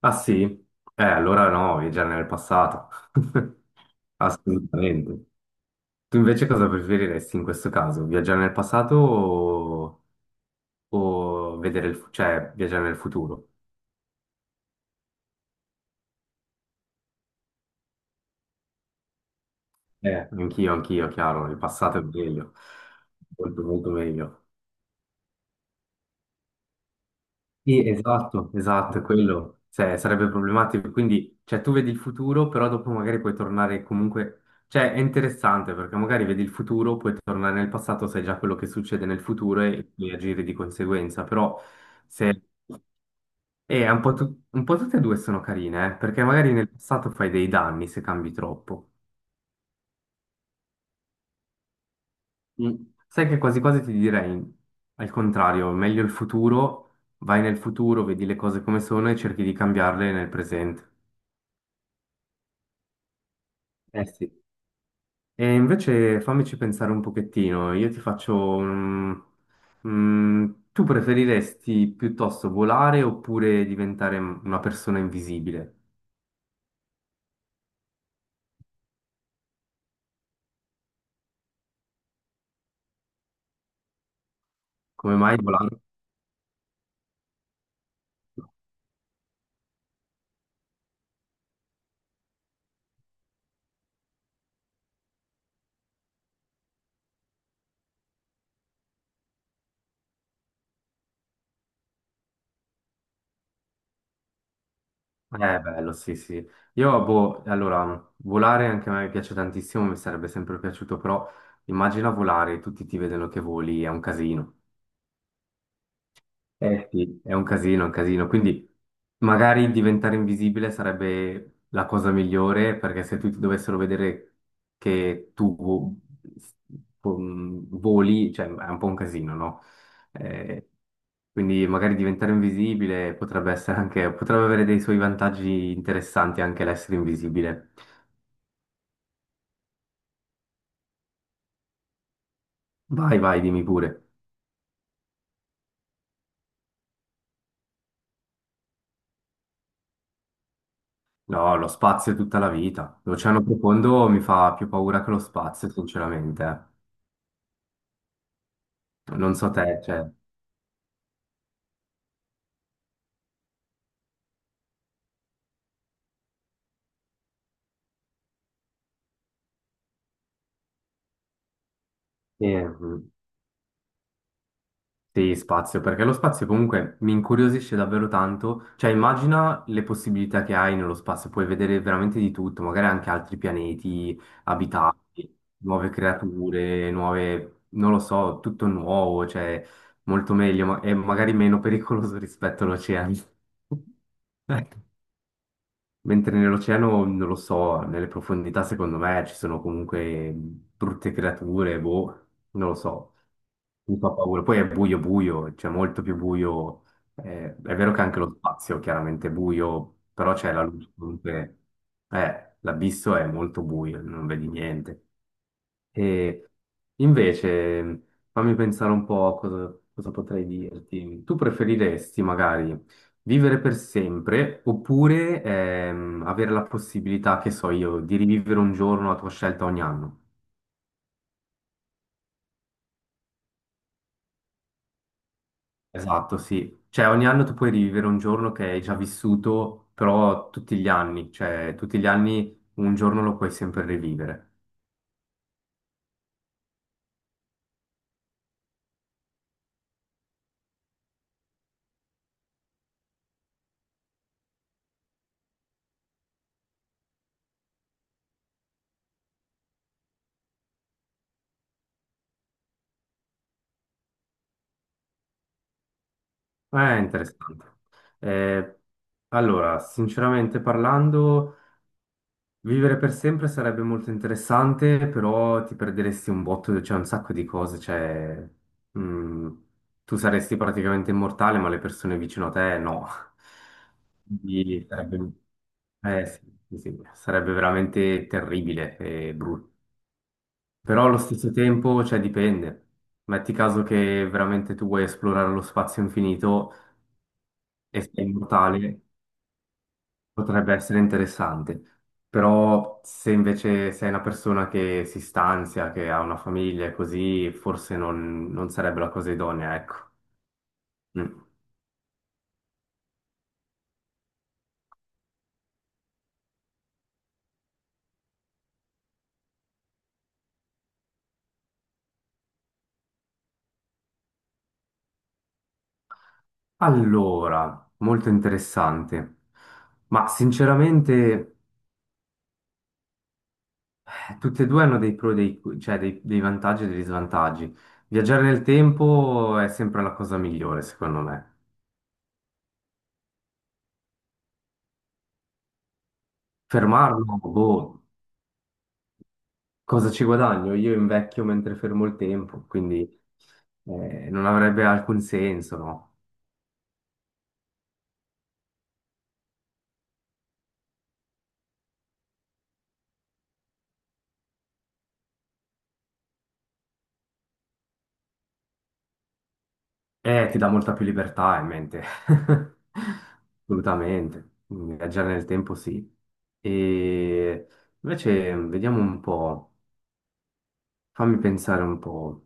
Ah, sì? Allora no, viaggiare nel passato. Assolutamente. Tu invece cosa preferiresti in questo caso? Viaggiare nel passato o vedere cioè viaggiare nel futuro? Anch'io, chiaro, il passato è meglio, molto molto meglio. Sì, esatto, esatto, è quello. Cioè, sarebbe problematico. Quindi, cioè, tu vedi il futuro, però dopo magari puoi tornare comunque. Cioè, è interessante perché magari vedi il futuro, puoi tornare nel passato, sai già quello che succede nel futuro e puoi agire di conseguenza. Però se un po', tu- un po' tutte e due sono carine, perché magari nel passato fai dei danni se cambi troppo. Mm. Sai che quasi quasi ti direi al contrario, meglio il futuro, vai nel futuro, vedi le cose come sono e cerchi di cambiarle nel presente. Eh sì. E invece fammici pensare un pochettino, io ti faccio un... tu preferiresti piuttosto volare oppure diventare una persona invisibile? Come mai volare? Bello, sì, sì. Io, boh, allora, volare anche a me piace tantissimo, mi sarebbe sempre piaciuto, però immagina volare, tutti ti vedono che voli, è un casino. Eh sì, è un casino, è un casino. Quindi magari diventare invisibile sarebbe la cosa migliore perché se tutti dovessero vedere che voli, cioè è un po' un casino, no? Eh, quindi magari diventare invisibile potrebbe essere anche, potrebbe avere dei suoi vantaggi interessanti anche l'essere invisibile. Vai, vai, dimmi pure. No, lo spazio è tutta la vita. L'oceano profondo mi fa più paura che lo spazio, sinceramente. Eh. Non so te, cioè. E, mh, sì, spazio, perché lo spazio comunque mi incuriosisce davvero tanto. Cioè, immagina le possibilità che hai nello spazio, puoi vedere veramente di tutto, magari anche altri pianeti abitati, nuove creature, nuove, non lo so, tutto nuovo, cioè molto meglio e magari meno pericoloso rispetto all'oceano. Mentre nell'oceano, non lo so, nelle profondità secondo me ci sono comunque brutte creature, boh, non lo so, mi fa paura. Poi è buio buio, c'è molto più buio. Eh, è vero che anche lo spazio chiaramente è buio, però c'è la luce, comunque l'abisso è molto buio, non vedi niente. E invece, fammi pensare un po' a cosa, cosa potrei dirti. Tu preferiresti magari vivere per sempre oppure avere la possibilità, che so io, di rivivere un giorno a tua scelta ogni anno? Esatto, sì. Cioè ogni anno tu puoi rivivere un giorno che hai già vissuto, però tutti gli anni, cioè tutti gli anni un giorno lo puoi sempre rivivere. È interessante. Eh, allora, sinceramente parlando... Vivere per sempre sarebbe molto interessante, però ti perderesti un botto, c'è un sacco di cose, cioè, mm, tu saresti praticamente immortale, ma le persone vicino a te no. Quindi sarebbe, sì, sì, sì, sarebbe veramente terribile e brutto. Però allo stesso tempo, cioè, dipende. Metti caso che veramente tu vuoi esplorare lo spazio infinito e sei immortale. Potrebbe essere interessante, però se invece sei una persona che si stanzia, che ha una famiglia e così, forse non sarebbe la cosa idonea, ecco. Mm. Allora, molto interessante, ma sinceramente tutte e due hanno dei pro e dei vantaggi e degli svantaggi. Viaggiare nel tempo è sempre la cosa migliore, secondo me. Fermarlo, boh, cosa ci guadagno? Io invecchio mentre fermo il tempo, quindi non avrebbe alcun senso, no? Ti dà molta più libertà in mente. Assolutamente. Quindi viaggiare nel tempo sì. E invece vediamo un po', fammi pensare un po'.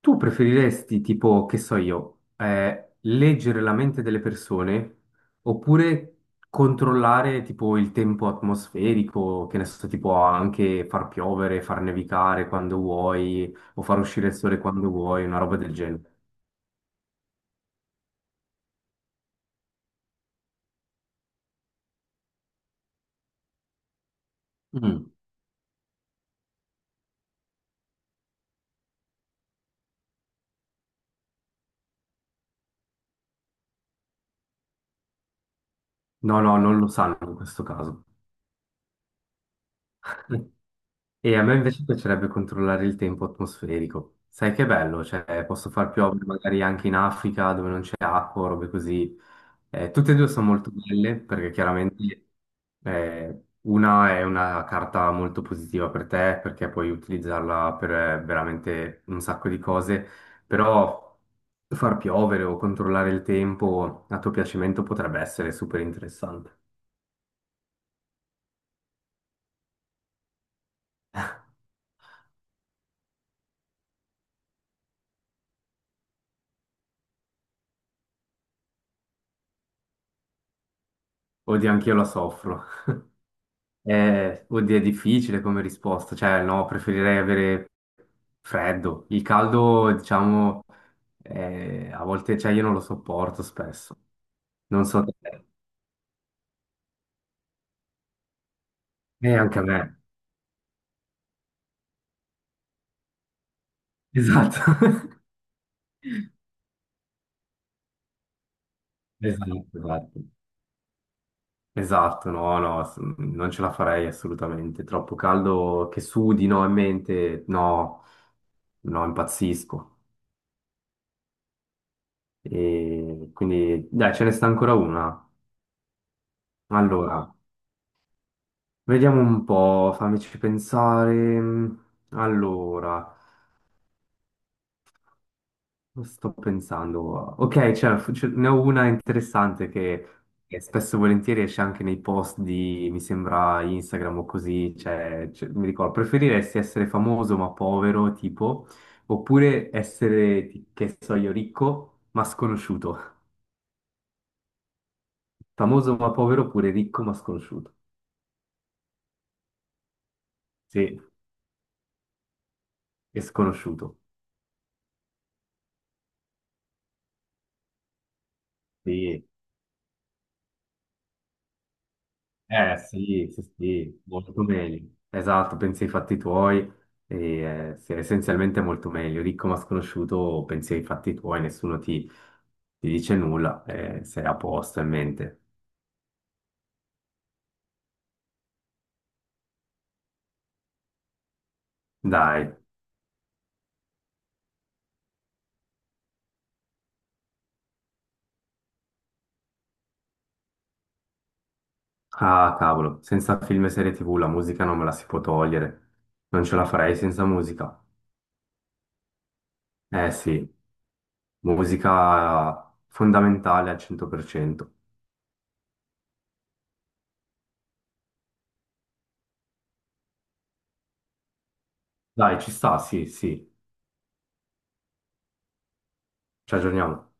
Tu preferiresti, tipo, che so io, leggere la mente delle persone oppure controllare, tipo, il tempo atmosferico, che ne so, tipo, anche far piovere, far nevicare quando vuoi, o far uscire il sole quando vuoi, una roba del genere. Mm. No, no, non lo sanno in questo caso. E a me invece piacerebbe controllare il tempo atmosferico. Sai che bello, cioè posso far piovere magari anche in Africa dove non c'è acqua, robe così. Tutte e due sono molto belle perché chiaramente una è una carta molto positiva per te perché puoi utilizzarla per veramente un sacco di cose, però far piovere o controllare il tempo a tuo piacimento potrebbe essere super interessante. Oddio, anch'io la soffro. Oddio, è difficile come risposta, cioè no, preferirei avere freddo. Il caldo, diciamo, a volte, cioè io non lo sopporto spesso. Non so te. E anche a me. Esatto. Esatto, esatto. Esatto, no, no, non ce la farei assolutamente. Troppo caldo che sudi, no, in mente, no, no, impazzisco. E quindi, dai, ce ne sta ancora una. Allora. Vediamo un po', fammici pensare. Allora, sto pensando. Ok, ce ne ho una interessante che spesso e volentieri esce anche nei post di, mi sembra, Instagram o così. Mi ricordo, preferiresti essere famoso ma povero, tipo, oppure essere, che so io, ricco ma sconosciuto? Famoso ma povero oppure ricco ma sconosciuto? Sì, e sconosciuto. Sì. Eh sì, sì, sì, molto meglio. Esatto, pensi ai fatti tuoi, e, sì, essenzialmente è molto meglio. Ricco ma sconosciuto, pensi ai fatti tuoi, nessuno ti, ti dice nulla, sei a posto in mente. Dai, ah cavolo, senza film e serie TV la musica non me la si può togliere, non ce la farei senza musica. Eh sì, musica fondamentale al 100%. Dai, ci sta, sì, sì, ci aggiorniamo.